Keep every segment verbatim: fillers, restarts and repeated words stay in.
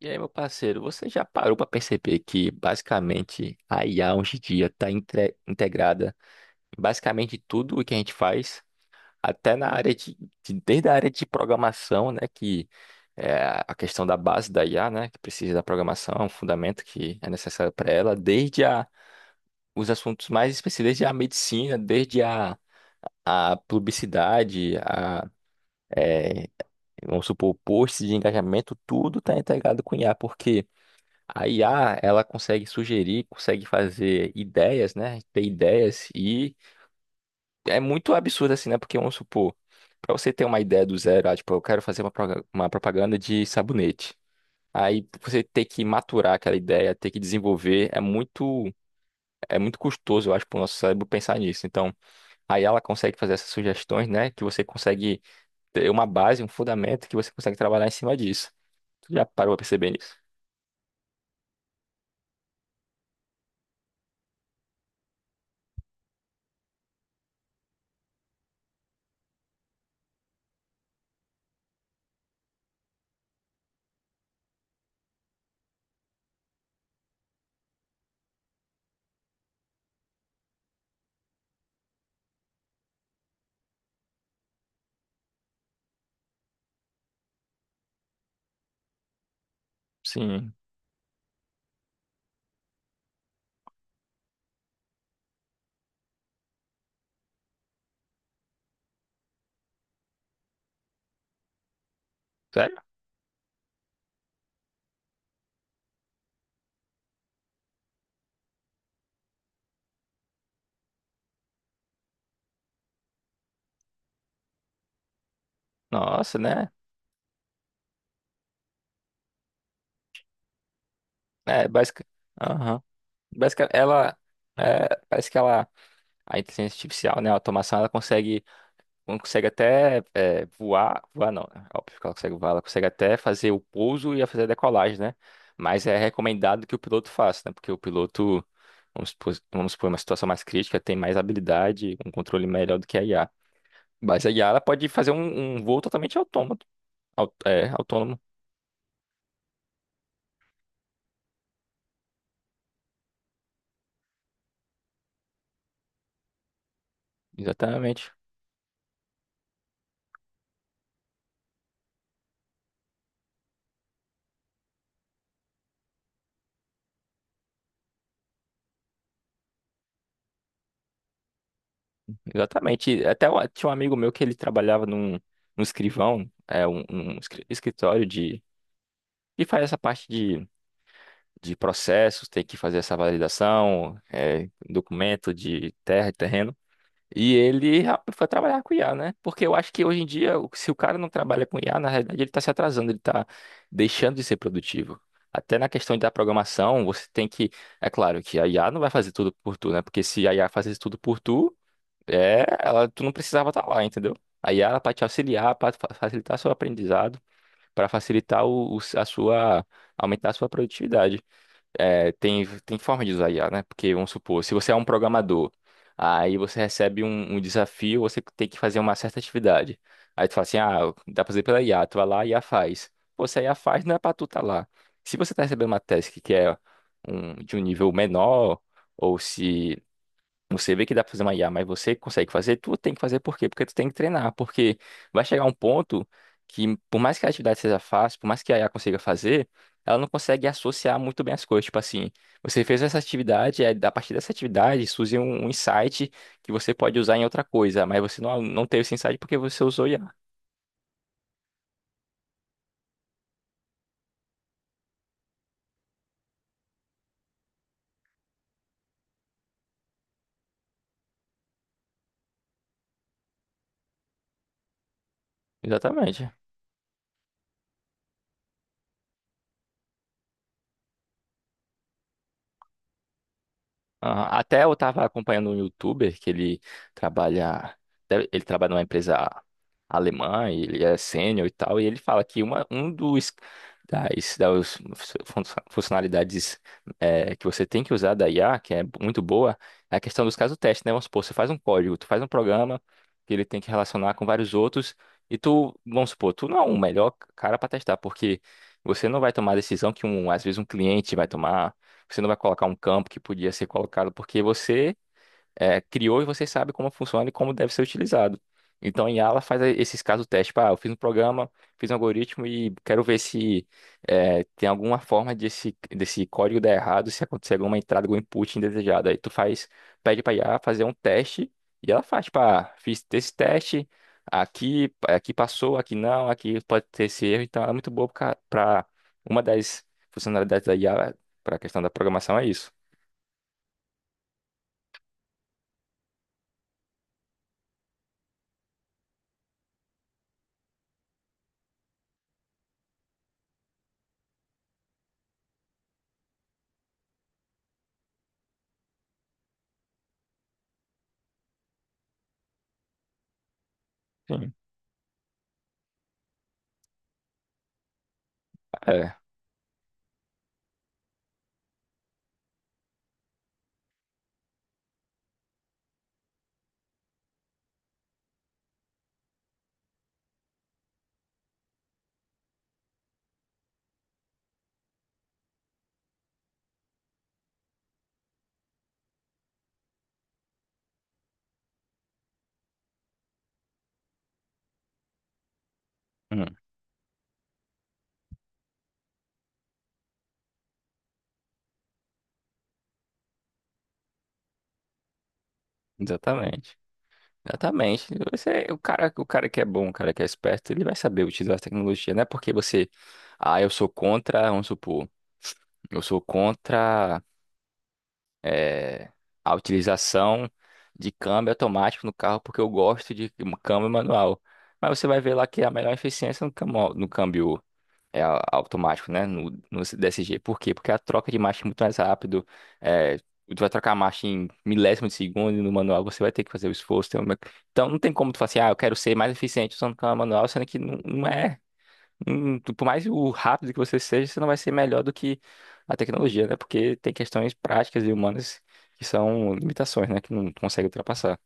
E aí, meu parceiro, você já parou para perceber que basicamente a I A hoje em dia está integrada em basicamente tudo o que a gente faz, até na área de, de- desde a área de programação, né, que é a questão da base da I A, né, que precisa da programação, é um fundamento que é necessário para ela, desde a, os assuntos mais específicos, desde a medicina, desde a, a publicidade, a, é, vamos supor, posts de engajamento, tudo está integrado com I A, porque a I A, ela consegue sugerir, consegue fazer ideias, né? Ter ideias e é muito absurdo assim, né? Porque vamos supor, para você ter uma ideia do zero, ah, tipo, eu quero fazer uma, proga- uma propaganda de sabonete. Aí você ter que maturar aquela ideia, ter que desenvolver, é muito é muito custoso, eu acho, para o nosso cérebro pensar nisso. Então, aí ela consegue fazer essas sugestões, né? Que você consegue ter uma base, um fundamento que você consegue trabalhar em cima disso. Tu já parou pra perceber isso? Sim. Sério? Nossa, né? É, basic... Aham. Basica- Ela é, parece que ela a inteligência artificial, né, a automação, ela consegue, consegue até é, voar, voar não, né, óbvio que ela consegue voar, ela consegue até fazer o pouso e a fazer a decolagem, né? Mas é recomendado que o piloto faça, né? Porque o piloto, vamos supor, vamos supor uma situação mais crítica, tem mais habilidade, um controle melhor do que a I A. Mas a I A ela pode fazer um, um voo totalmente autômato, au- é, autônomo, exatamente. Exatamente. Até um- tinha um amigo meu que ele trabalhava num, num escrivão, é, um, um escri- escritório de, que faz essa parte de, de processos, tem que fazer essa validação, é, documento de terra e terreno. E ele ra- foi trabalhar com I A, né? Porque eu acho que hoje em dia, o- se o cara não trabalha com I A, na realidade ele está se atrasando, ele está deixando de ser produtivo. Até na questão da programação, você tem que. É claro que a I A não vai fazer tudo por tu, né? Porque se a I A fazesse tudo por tu, é, ela, tu não precisava estar lá, entendeu? A Yara para te auxiliar, para facilitar seu aprendizado, para facilitar o, o- a sua, aumentar a sua produtividade. É, tem, tem forma de usar I a Yara, né? Porque, vamos supor, se você é um programador, aí você recebe um, um desafio, você tem que fazer uma certa atividade. Aí tu fala assim, ah, dá pra fazer pela I A, tu vai lá e a I A faz. Pô, se a I A faz, não é pra tu tá lá. Se você tá recebendo uma task que é um, de um nível menor, ou se você vê que dá pra fazer uma I A, mas você consegue fazer, tu tem que fazer por quê? Porque tu tem que treinar, porque vai chegar um ponto que, por mais que a atividade seja fácil, por mais que a I A consiga fazer, ela não consegue associar muito bem as coisas. Tipo assim, você fez essa atividade, aí, a partir dessa atividade surge um, um insight que você pode usar em outra coisa, mas você não, não teve esse insight porque você usou I A. Exatamente. Aham. Até eu tava acompanhando um youtuber que ele trabalha, ele trabalha numa empresa alemã, e ele é sênior e tal, e ele fala que uma, um dos das, das fun- funcionalidades é, que você tem que usar da I A, que é muito boa, é a questão dos casos teste, né? Vamos supor, você faz um código, tu faz um programa que ele tem que relacionar com vários outros, e tu, vamos supor, tu não é o melhor cara para testar, porque você não vai tomar a decisão que um, às vezes um cliente vai tomar, você não vai colocar um campo que podia ser colocado porque você é, criou e você sabe como funciona e como deve ser utilizado. Então, a Yala faz eh, esses casos teste. Tipo, ah, eu fiz um programa, fiz um algoritmo e quero ver se é, tem alguma forma desse, desse código dar errado, se acontecer alguma entrada, algum input indesejado. Aí tu faz, pede pra I A fazer um teste e ela faz, tipo, ah, fiz esse teste, aqui, aqui passou, aqui não, aqui pode ter esse erro. Então, ela é muito boa pra pra- uma das funcionalidades da I A para a questão da programação é isso. Sim. É, hum, exatamente. Exatamente. Você, o cara, o cara que é bom, o cara que é esperto, ele vai saber utilizar a tecnologia. Não é porque você, ah, eu sou contra, vamos supor, eu sou contra eh, a utilização de câmbio automático no carro porque eu gosto de câmbio manual. Mas você vai ver lá que a melhor eficiência é no câmbio, no câmbio é a- automático, né? No, no D S G. Por quê? Porque a troca de marcha é muito mais rápido. É, tu vai trocar a marcha em milésimo de segundo e no manual você vai ter que fazer o esforço. Tem uma... Então não tem como tu falar assim, ah, eu quero ser mais eficiente usando câmbio manual, sendo que não, não é. Não- tu- por mais o rápido que você seja, você não vai ser melhor do que a tecnologia, né? Porque tem questões práticas e humanas que são limitações, né? Que não consegue ultrapassar.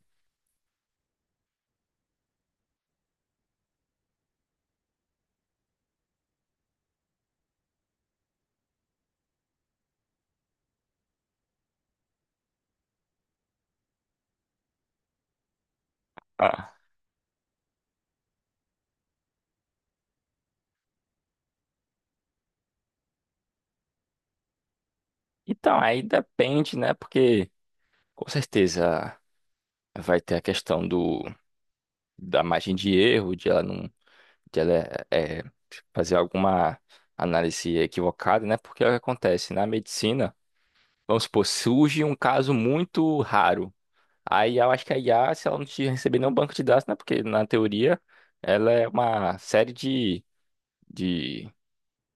Ah. Então, aí depende, né? Porque com certeza vai ter a questão do da margem de erro, de ela não, de ela é, é, fazer alguma análise equivocada, né? Porque é o que acontece na medicina, vamos supor, surge um caso muito raro. Aí eu acho que a I A, se ela não te receber nenhum banco de dados, né? Porque na teoria ela é uma série de, de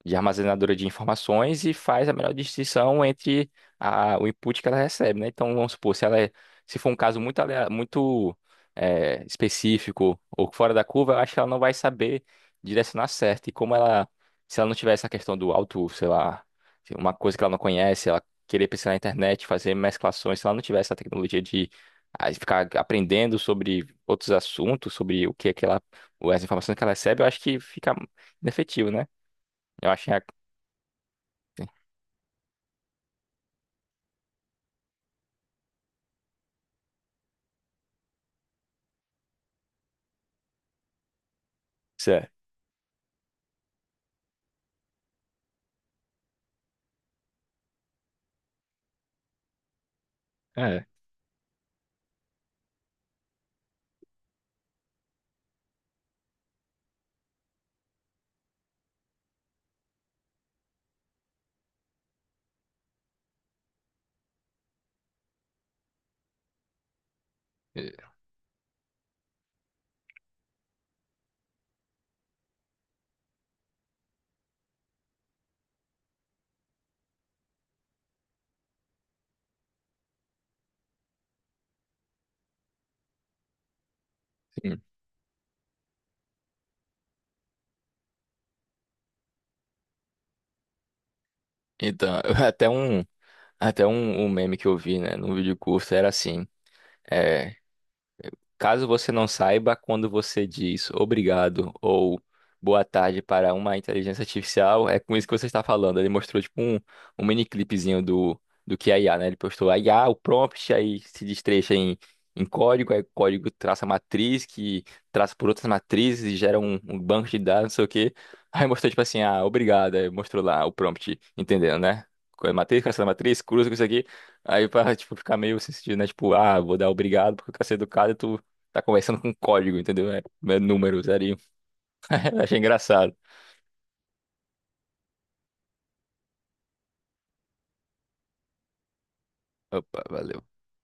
de armazenadora de informações e faz a melhor distinção entre a, o input que ela recebe, né? Então, vamos supor, se ela é- se for um caso muito, alea- muito eh, específico ou fora da curva, eu acho que ela não vai saber direcionar certo. E como ela, se ela não tiver essa questão do auto, sei lá, se uma coisa que ela não conhece, ela querer pesquisar na internet, fazer mesclações, se ela não tiver essa tecnologia de ah, ficar aprendendo sobre outros assuntos, sobre o que é que ela, as informações que ela recebe, eu acho que fica inefetivo, né? Eu acho Certo. É, e- sim. Então, até um, até um, um meme que eu vi, né, num vídeo curto era assim. É, Caso você não saiba, quando você diz obrigado ou boa tarde para uma inteligência artificial, é com isso que você está falando. Ele mostrou tipo um, um mini clipezinho do, do que é I A, né? Ele postou a I A, o prompt, aí se destrecha em, em código, aí o código traça a matriz, que traça por outras matrizes e gera um, um banco de dados, não sei o quê. Aí mostrou tipo assim, ah, obrigado, aí mostrou lá o prompt, entendendo, né? Qual é a matriz, qual é a matriz, cruza com isso aqui. Aí pra, tipo, ficar meio sem sentido, né? Tipo, ah, vou dar obrigado porque eu quero ser educado e tu Tá conversando com código, entendeu? É, é números ali. Achei engraçado. Opa, valeu.